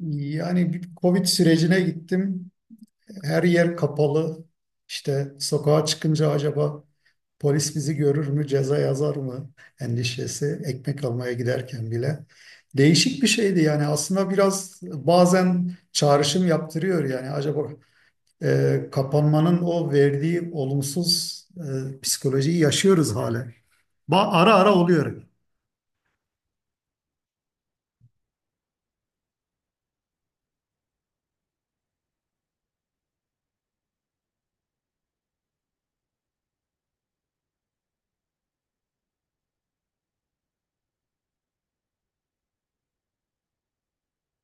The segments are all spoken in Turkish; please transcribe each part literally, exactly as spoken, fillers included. Yani bir Covid sürecine gittim. Her yer kapalı. İşte sokağa çıkınca acaba polis bizi görür mü, ceza yazar mı endişesi. Ekmek almaya giderken bile. Değişik bir şeydi yani aslında biraz bazen çağrışım yaptırıyor yani acaba e, kapanmanın o verdiği olumsuz e, psikolojiyi yaşıyoruz hala. Ba ara ara oluyor.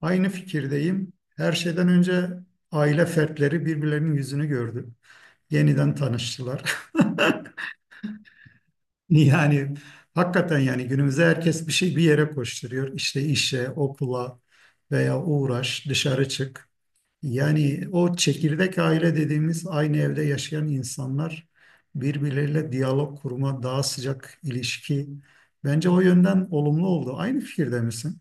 Aynı fikirdeyim. Her şeyden önce aile fertleri birbirlerinin yüzünü gördü. Yeniden tanıştılar. Yani hakikaten yani günümüzde herkes bir şey bir yere koşturuyor. İşte işe, okula veya uğraş, dışarı çık. Yani o çekirdek aile dediğimiz aynı evde yaşayan insanlar birbirleriyle diyalog kurma, daha sıcak ilişki. Bence o yönden olumlu oldu. Aynı fikirde misin?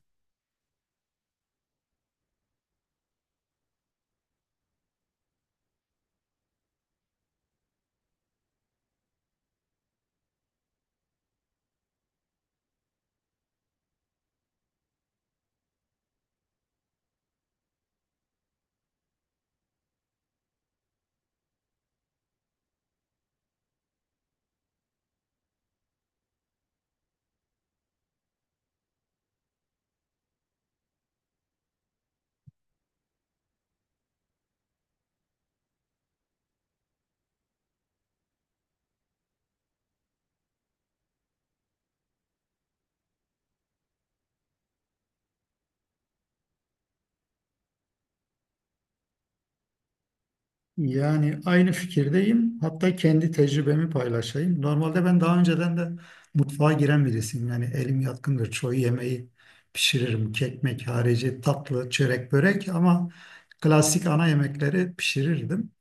Yani aynı fikirdeyim. Hatta kendi tecrübemi paylaşayım. Normalde ben daha önceden de mutfağa giren birisiyim. Yani elim yatkındır. Çoğu yemeği pişiririm. Kekmek harici tatlı, çörek, börek ama klasik ana yemekleri pişirirdim.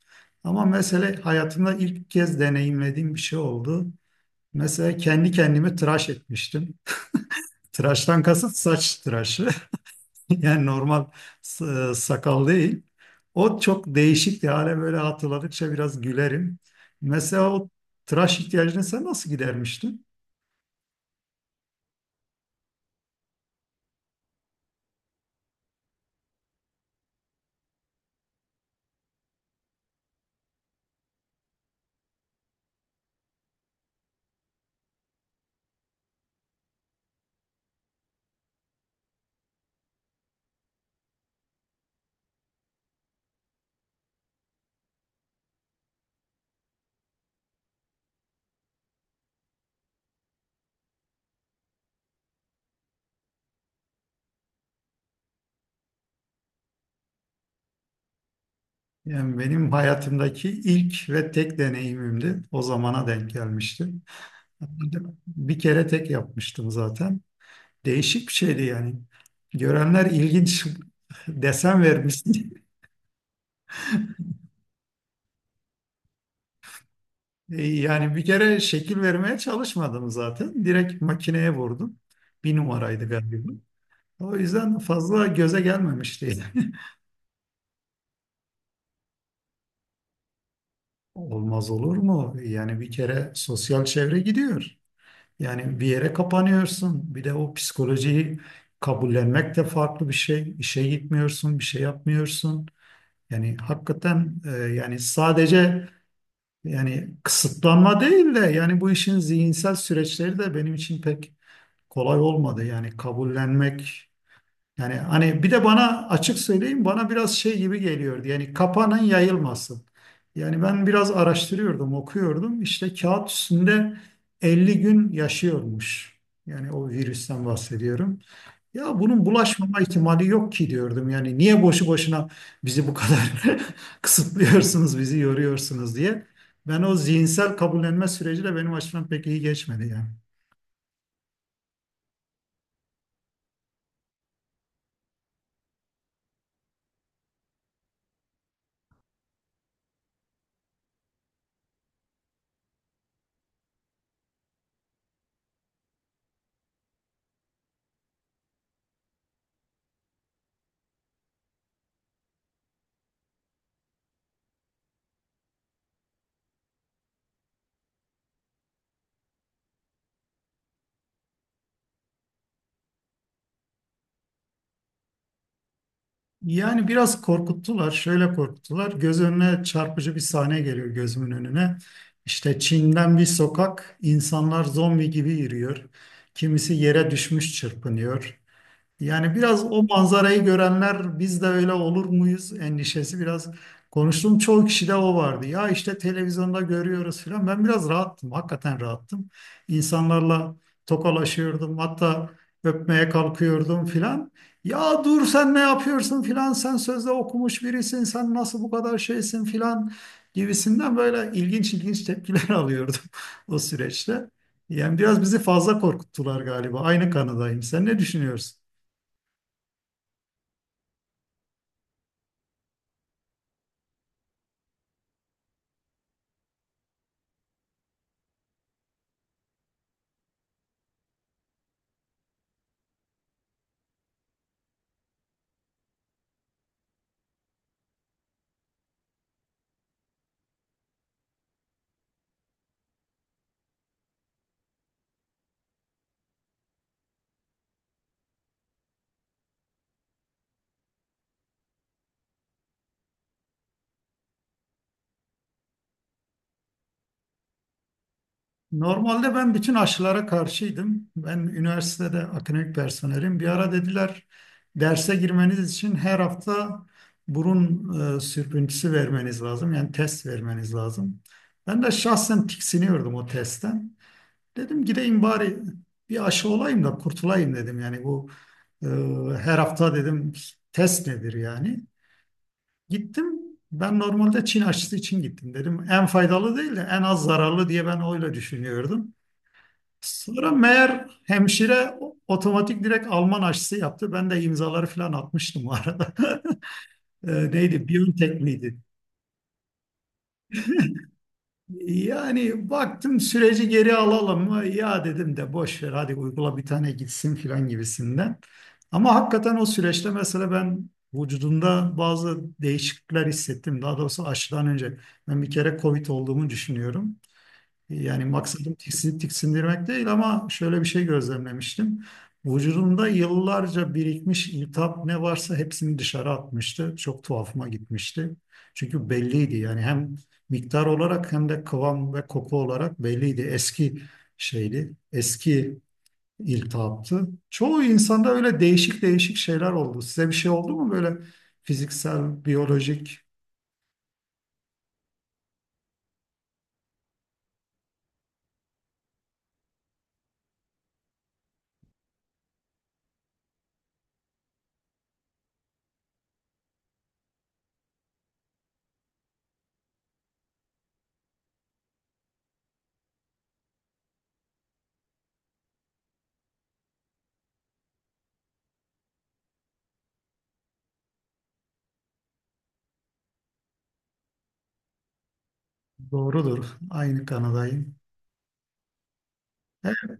Ama mesele hayatımda ilk kez deneyimlediğim bir şey oldu. Mesela kendi kendimi tıraş etmiştim. Tıraştan kasıt saç tıraşı. Yani normal s- e, sakal değil. O çok değişikti. Hala böyle hatırladıkça biraz gülerim. Mesela o tıraş ihtiyacını sen nasıl gidermiştin? Yani benim hayatımdaki ilk ve tek deneyimimdi. O zamana denk gelmişti. Bir kere tek yapmıştım zaten. Değişik bir şeydi yani. Görenler ilginç desen vermişti. E, Yani bir kere şekil vermeye çalışmadım zaten. Direkt makineye vurdum. Bir numaraydı galiba. O yüzden fazla göze gelmemiş değil. Olmaz olur mu? Yani bir kere sosyal çevre gidiyor. Yani bir yere kapanıyorsun. Bir de o psikolojiyi kabullenmek de farklı bir şey. İşe gitmiyorsun, bir şey yapmıyorsun. Yani hakikaten e, yani sadece yani kısıtlanma değil de yani bu işin zihinsel süreçleri de benim için pek kolay olmadı. Yani kabullenmek. Yani hani bir de bana açık söyleyeyim bana biraz şey gibi geliyordu. Yani kapanın yayılmasın. Yani ben biraz araştırıyordum, okuyordum. İşte kağıt üstünde elli gün yaşıyormuş. Yani o virüsten bahsediyorum. Ya bunun bulaşmama ihtimali yok ki diyordum. Yani niye boşu boşuna bizi bu kadar kısıtlıyorsunuz, bizi yoruyorsunuz diye. Ben o zihinsel kabullenme süreci de benim açımdan pek iyi geçmedi yani. Yani biraz korkuttular, şöyle korkuttular. Göz önüne çarpıcı bir sahne geliyor gözümün önüne. İşte Çin'den bir sokak, insanlar zombi gibi yürüyor. Kimisi yere düşmüş çırpınıyor. Yani biraz o manzarayı görenler biz de öyle olur muyuz endişesi biraz konuştum çoğu kişide o vardı. Ya işte televizyonda görüyoruz filan. Ben biraz rahattım. Hakikaten rahattım. İnsanlarla tokalaşıyordum. Hatta öpmeye kalkıyordum filan. Ya dur sen ne yapıyorsun filan. Sen sözde okumuş birisin. Sen nasıl bu kadar şeysin filan gibisinden böyle ilginç ilginç tepkiler alıyordum o süreçte. Yani biraz bizi fazla korkuttular galiba. Aynı kanıdayım. Sen ne düşünüyorsun? Normalde ben bütün aşılara karşıydım. Ben üniversitede akademik personelim. Bir ara dediler derse girmeniz için her hafta burun e, sürtüntüsü vermeniz lazım. Yani test vermeniz lazım. Ben de şahsen tiksiniyordum o testten. Dedim gideyim bari bir aşı olayım da kurtulayım dedim. Yani bu e, her hafta dedim test nedir yani. Gittim. Ben normalde Çin aşısı için gittim dedim. En faydalı değil de en az zararlı diye ben öyle düşünüyordum. Sonra meğer hemşire otomatik direkt Alman aşısı yaptı. Ben de imzaları falan atmıştım o arada. Ee, neydi? Biontech miydi? Yani baktım süreci geri alalım mı? Ya dedim de boş ver hadi uygula bir tane gitsin falan gibisinden. Ama hakikaten o süreçte mesela ben vücudumda bazı değişiklikler hissettim. Daha doğrusu aşıdan önce ben bir kere COVID olduğumu düşünüyorum. Yani maksadım tiksin, tiksindirmek değil ama şöyle bir şey gözlemlemiştim. Vücudumda yıllarca birikmiş iltihap ne varsa hepsini dışarı atmıştı. Çok tuhafıma gitmişti. Çünkü belliydi yani hem miktar olarak hem de kıvam ve koku olarak belliydi. Eski şeydi, eski iltihaptı. Çoğu insanda öyle değişik değişik şeyler oldu. Size bir şey oldu mu böyle fiziksel, biyolojik? Doğrudur. Aynı kanadayım. Evet,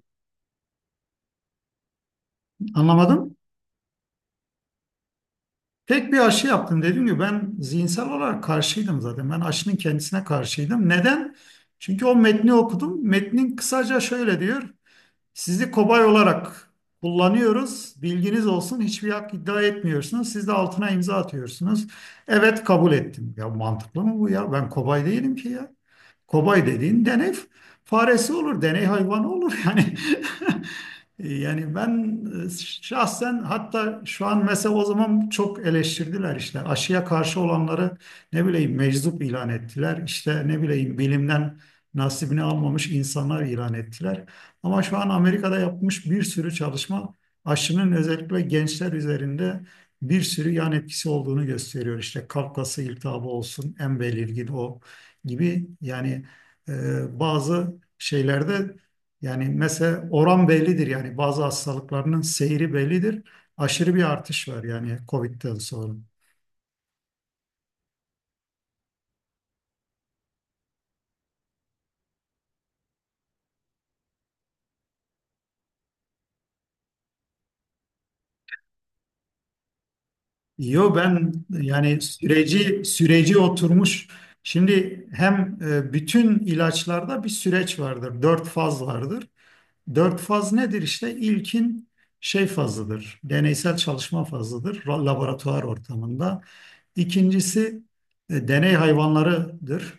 anlamadım. Tek bir aşı yaptım dediğim gibi ben zihinsel olarak karşıydım zaten. Ben aşının kendisine karşıydım. Neden? Çünkü o metni okudum. Metnin kısaca şöyle diyor. Sizi kobay olarak kullanıyoruz. Bilginiz olsun. Hiçbir hak iddia etmiyorsunuz. Siz de altına imza atıyorsunuz. Evet kabul ettim. Ya mantıklı mı bu ya? Ben kobay değilim ki ya. Kobay dediğin deney faresi olur, deney hayvanı olur yani. Yani ben e, şahsen hatta şu an mesela o zaman çok eleştirdiler işte aşıya karşı olanları ne bileyim meczup ilan ettiler. İşte ne bileyim bilimden nasibini almamış insanlar ilan ettiler. Ama şu an Amerika'da yapmış bir sürü çalışma aşının özellikle gençler üzerinde bir sürü yan etkisi olduğunu gösteriyor. İşte kalp kası iltihabı olsun, en belirgin o gibi yani e, bazı şeylerde yani mesela oran bellidir yani bazı hastalıklarının seyri bellidir. Aşırı bir artış var yani kovidden sonra. Yo ben yani süreci süreci oturmuş. Şimdi hem e, bütün ilaçlarda bir süreç vardır. Dört faz vardır. Dört faz nedir işte? İlkin şey fazıdır. Deneysel çalışma fazıdır. ra- Laboratuvar ortamında. İkincisi e, deney hayvanlarıdır.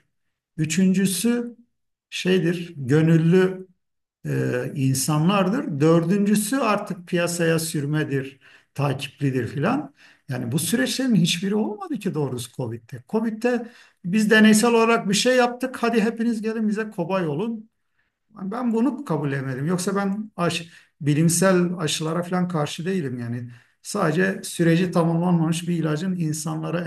Üçüncüsü şeydir. Gönüllü e, insanlardır. Dördüncüsü artık piyasaya sürmedir, takiplidir filan. Yani bu süreçlerin hiçbiri olmadı ki doğrusu Covid'de. Covid'de biz deneysel olarak bir şey yaptık. Hadi hepiniz gelin bize kobay olun. Ben bunu kabul edemedim. Yoksa ben aş, bilimsel aşılara falan karşı değilim yani. Sadece süreci tamamlanmamış bir ilacın insanlara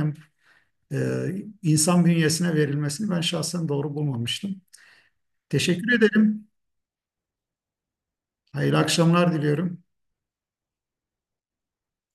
e, insan bünyesine verilmesini ben şahsen doğru bulmamıştım. Teşekkür ederim. Hayırlı akşamlar diliyorum.